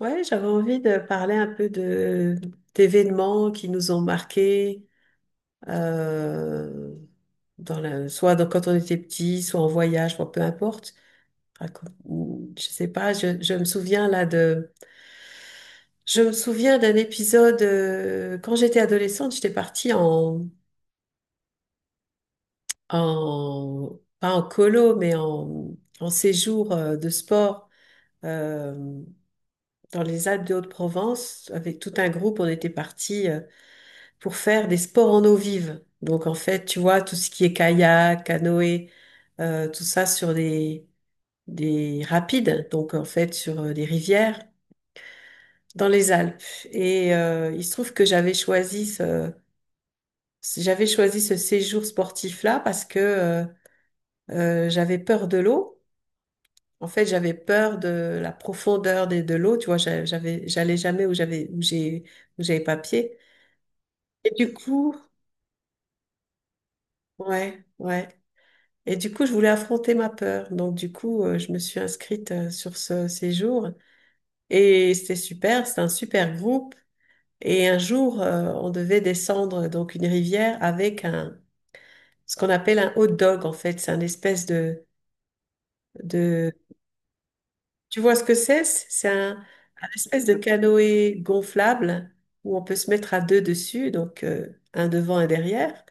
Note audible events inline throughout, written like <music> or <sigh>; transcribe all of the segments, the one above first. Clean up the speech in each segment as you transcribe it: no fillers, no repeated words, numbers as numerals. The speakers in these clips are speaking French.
Ouais, j'avais envie de parler un peu de d'événements qui nous ont marqués, euh, dans la, soit quand on était petit, soit en voyage, bon, peu importe. Je sais pas, je me souviens là je me souviens d'un épisode quand j'étais adolescente, j'étais partie en, en pas en colo, mais en, en séjour de sport euh, dans les Alpes de Haute-Provence avec tout un groupe. On était partis, pour faire des sports en eau vive. Donc en fait, tu vois, tout ce qui est kayak, canoë, tout ça sur des rapides, donc en fait sur des rivières dans les Alpes. Il se trouve que j'avais choisi ce séjour sportif-là parce que j'avais peur de l'eau. En fait, j'avais peur de la profondeur de l'eau. Tu vois, j'allais jamais où où j'avais pas pied. Et du coup, ouais, ouais. Et du coup, je voulais affronter ma peur. Donc, du coup, je me suis inscrite sur ce séjour et c'était super. C'était un super groupe. Et un jour, on devait descendre donc une rivière avec un ce qu'on appelle un hot dog. En fait, c'est un espèce de tu vois ce que c'est? C'est un espèce de canoë gonflable où on peut se mettre à deux dessus, donc un devant et derrière.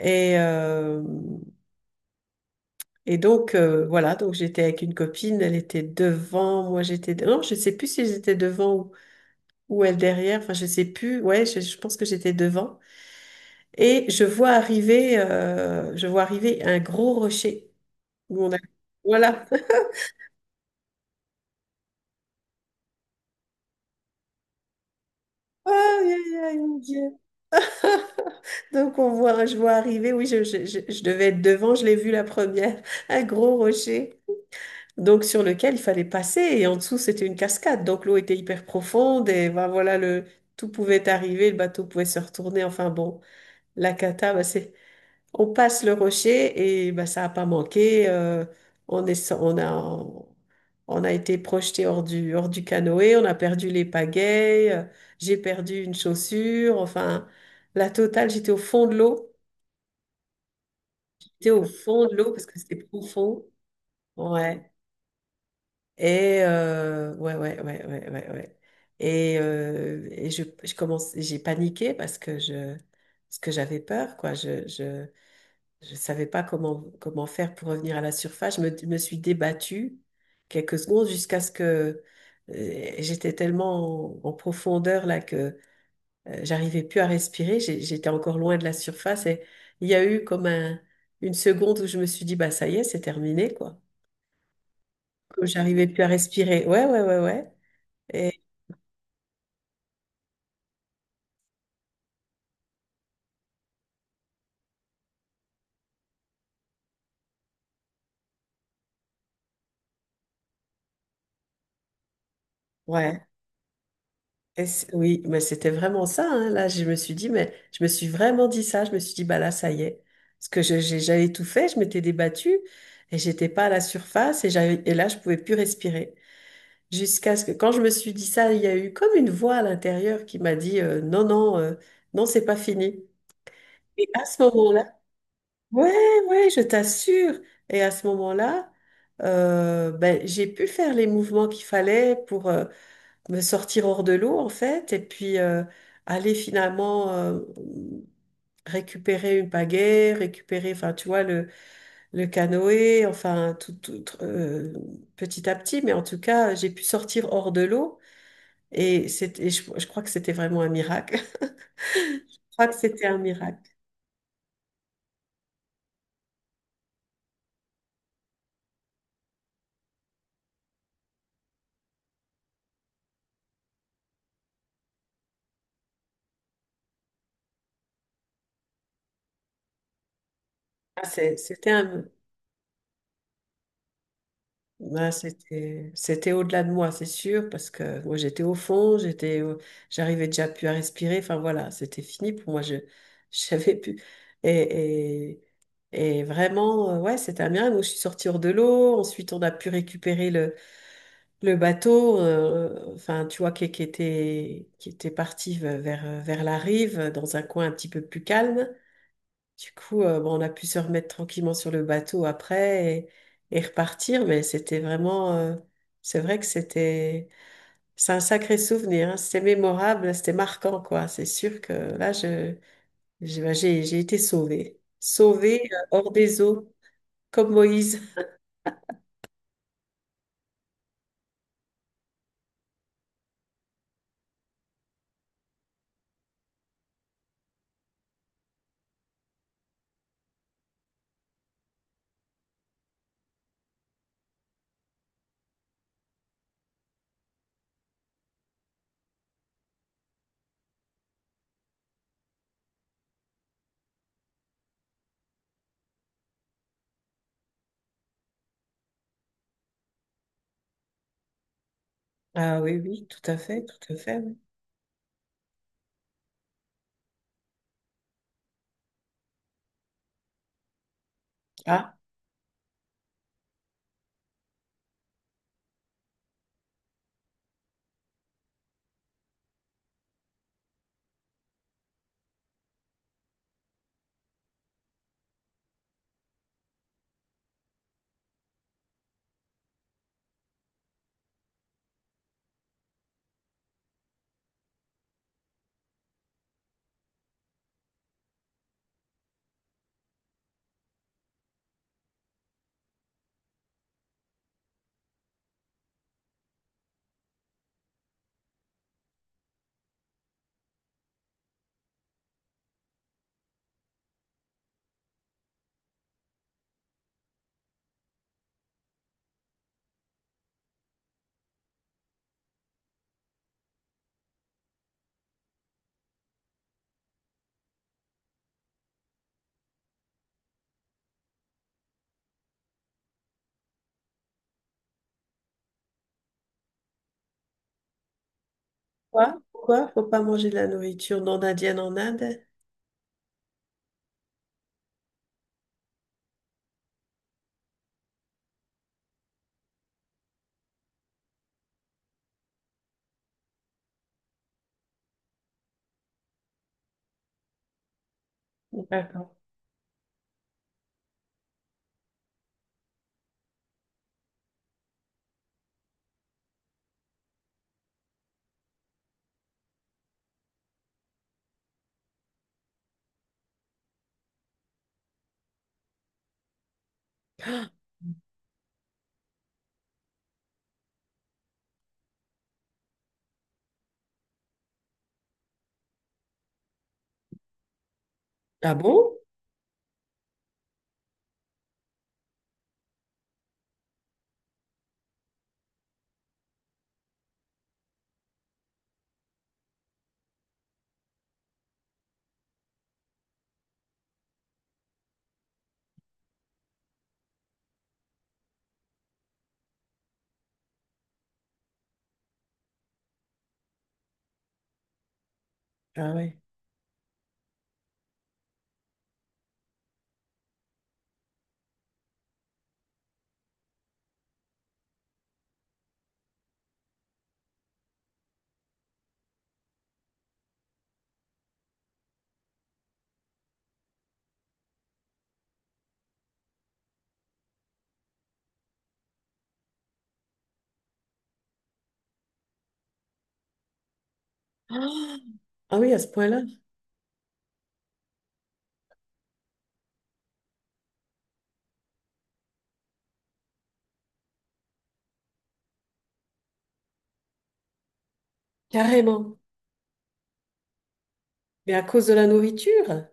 Et euh, Et donc, voilà, donc j'étais avec une copine, elle était devant, moi j'étais... Non, je sais plus si j'étais devant ou elle derrière, enfin je sais plus, ouais, je pense que j'étais devant. Et je vois arriver un gros rocher où on a... Voilà. <laughs> Aïe, aïe, aïe, mon Dieu. <laughs> Donc on voit, je vois arriver, oui, je devais être devant, je l'ai vu la première, <laughs> un gros rocher, donc sur lequel il fallait passer et en dessous c'était une cascade, donc l'eau était hyper profonde et ben voilà, le tout pouvait arriver, le bateau pouvait se retourner, enfin bon, la cata. Ben, c'est on passe le rocher et ben ça a pas manqué. On est so-, on a on a été projeté hors du canoë, on a perdu les pagaies, j'ai perdu une chaussure, enfin la totale. J'étais au fond de l'eau, j'étais au fond de l'eau parce que c'était profond, ouais. Et ouais, ouais, ouais, ouais, ouais, ouais. Et je commence, j'ai paniqué parce que je, parce que j'avais peur, quoi. Je savais pas comment, comment faire pour revenir à la surface. Me suis débattue quelques secondes jusqu'à ce que j'étais tellement en, en profondeur là que j'arrivais plus à respirer. J'étais encore loin de la surface et il y a eu comme un, une seconde où je me suis dit, bah ça y est, c'est terminé, quoi. Comme j'arrivais plus à respirer. Ouais, ouais, ouais, ouais. Ouais, et c'est- oui, mais c'était vraiment ça, hein. Là, je me suis dit, mais je me suis vraiment dit ça. Je me suis dit, bah là, ça y est. Parce que j'avais tout fait, je m'étais débattue et j'étais pas à la surface et j'avais, et là, je pouvais plus respirer. Jusqu'à ce que, quand je me suis dit ça, il y a eu comme une voix à l'intérieur qui m'a dit, non, non, non, c'est pas fini. Et à ce moment-là, ouais, ouais, je t'assure. Et à ce moment-là, ben, j'ai pu faire les mouvements qu'il fallait pour, me sortir hors de l'eau en fait, et puis aller finalement récupérer une pagaie, récupérer, enfin tu vois, le canoë, enfin tout, tout, petit à petit, mais en tout cas, j'ai pu sortir hors de l'eau et, c'était- et je crois que c'était vraiment un miracle. <laughs> Je crois que c'était un miracle. Ah, c'est- C'était un, ouais, c'était au-delà de moi, c'est sûr, parce que moi j'étais au fond, j'arrivais déjà plus à respirer. Enfin voilà, c'était fini pour moi. Je <laughs> j'avais plus et, et et vraiment ouais, c'était un miracle. Donc, je suis sortie hors de l'eau. Ensuite, on a pu récupérer le bateau, enfin, tu vois qui était parti vers vers la rive dans un coin un petit peu plus calme. Du coup, bon, on a pu se remettre tranquillement sur le bateau après et repartir, mais c'était vraiment, c'est vrai que c'était, c'est un sacré souvenir, hein. C'était mémorable, c'était marquant, quoi. C'est sûr que là, je, j'ai, bah, j'ai été sauvée, sauvée hors des eaux, comme Moïse. Ah oui, oui, tout à fait, tout à fait, oui. Ah, quoi? Pourquoi? Faut pas manger de la nourriture non indienne en Inde? D'accord. Ah bon? Ah oui. Ah ah oui, à ce point-là, carrément. Mais à cause de la nourriture?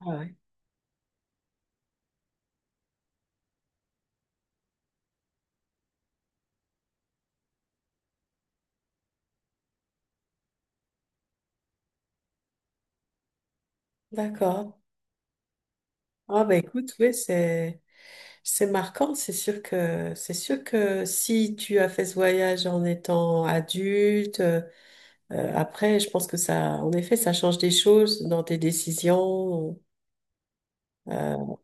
Ah ouais. D'accord. Ah bah écoute, oui, c'est marquant. C'est sûr que si tu as fait ce voyage en étant adulte, après, je pense que ça, en effet, ça change des choses dans tes décisions. Euh,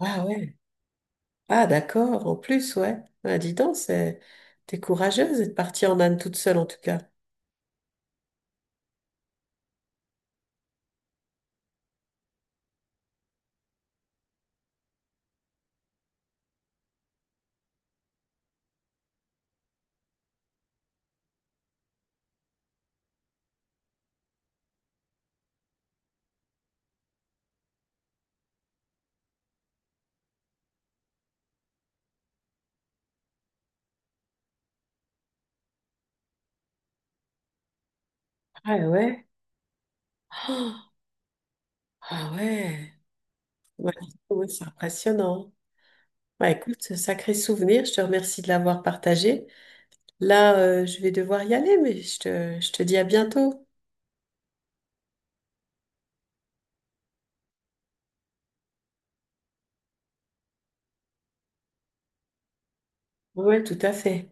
ah ouais. Ah d'accord. En plus, ouais. Ah, dis donc, c'est t'es courageuse d'être partie en Inde toute seule en tout cas. Ah ouais. Oh, ah ouais. Ouais, ouais, c'est impressionnant. Bah écoute, sacré souvenir, je te remercie de l'avoir partagé. Là, je vais devoir y aller, mais je te dis à bientôt. Ouais, tout à fait.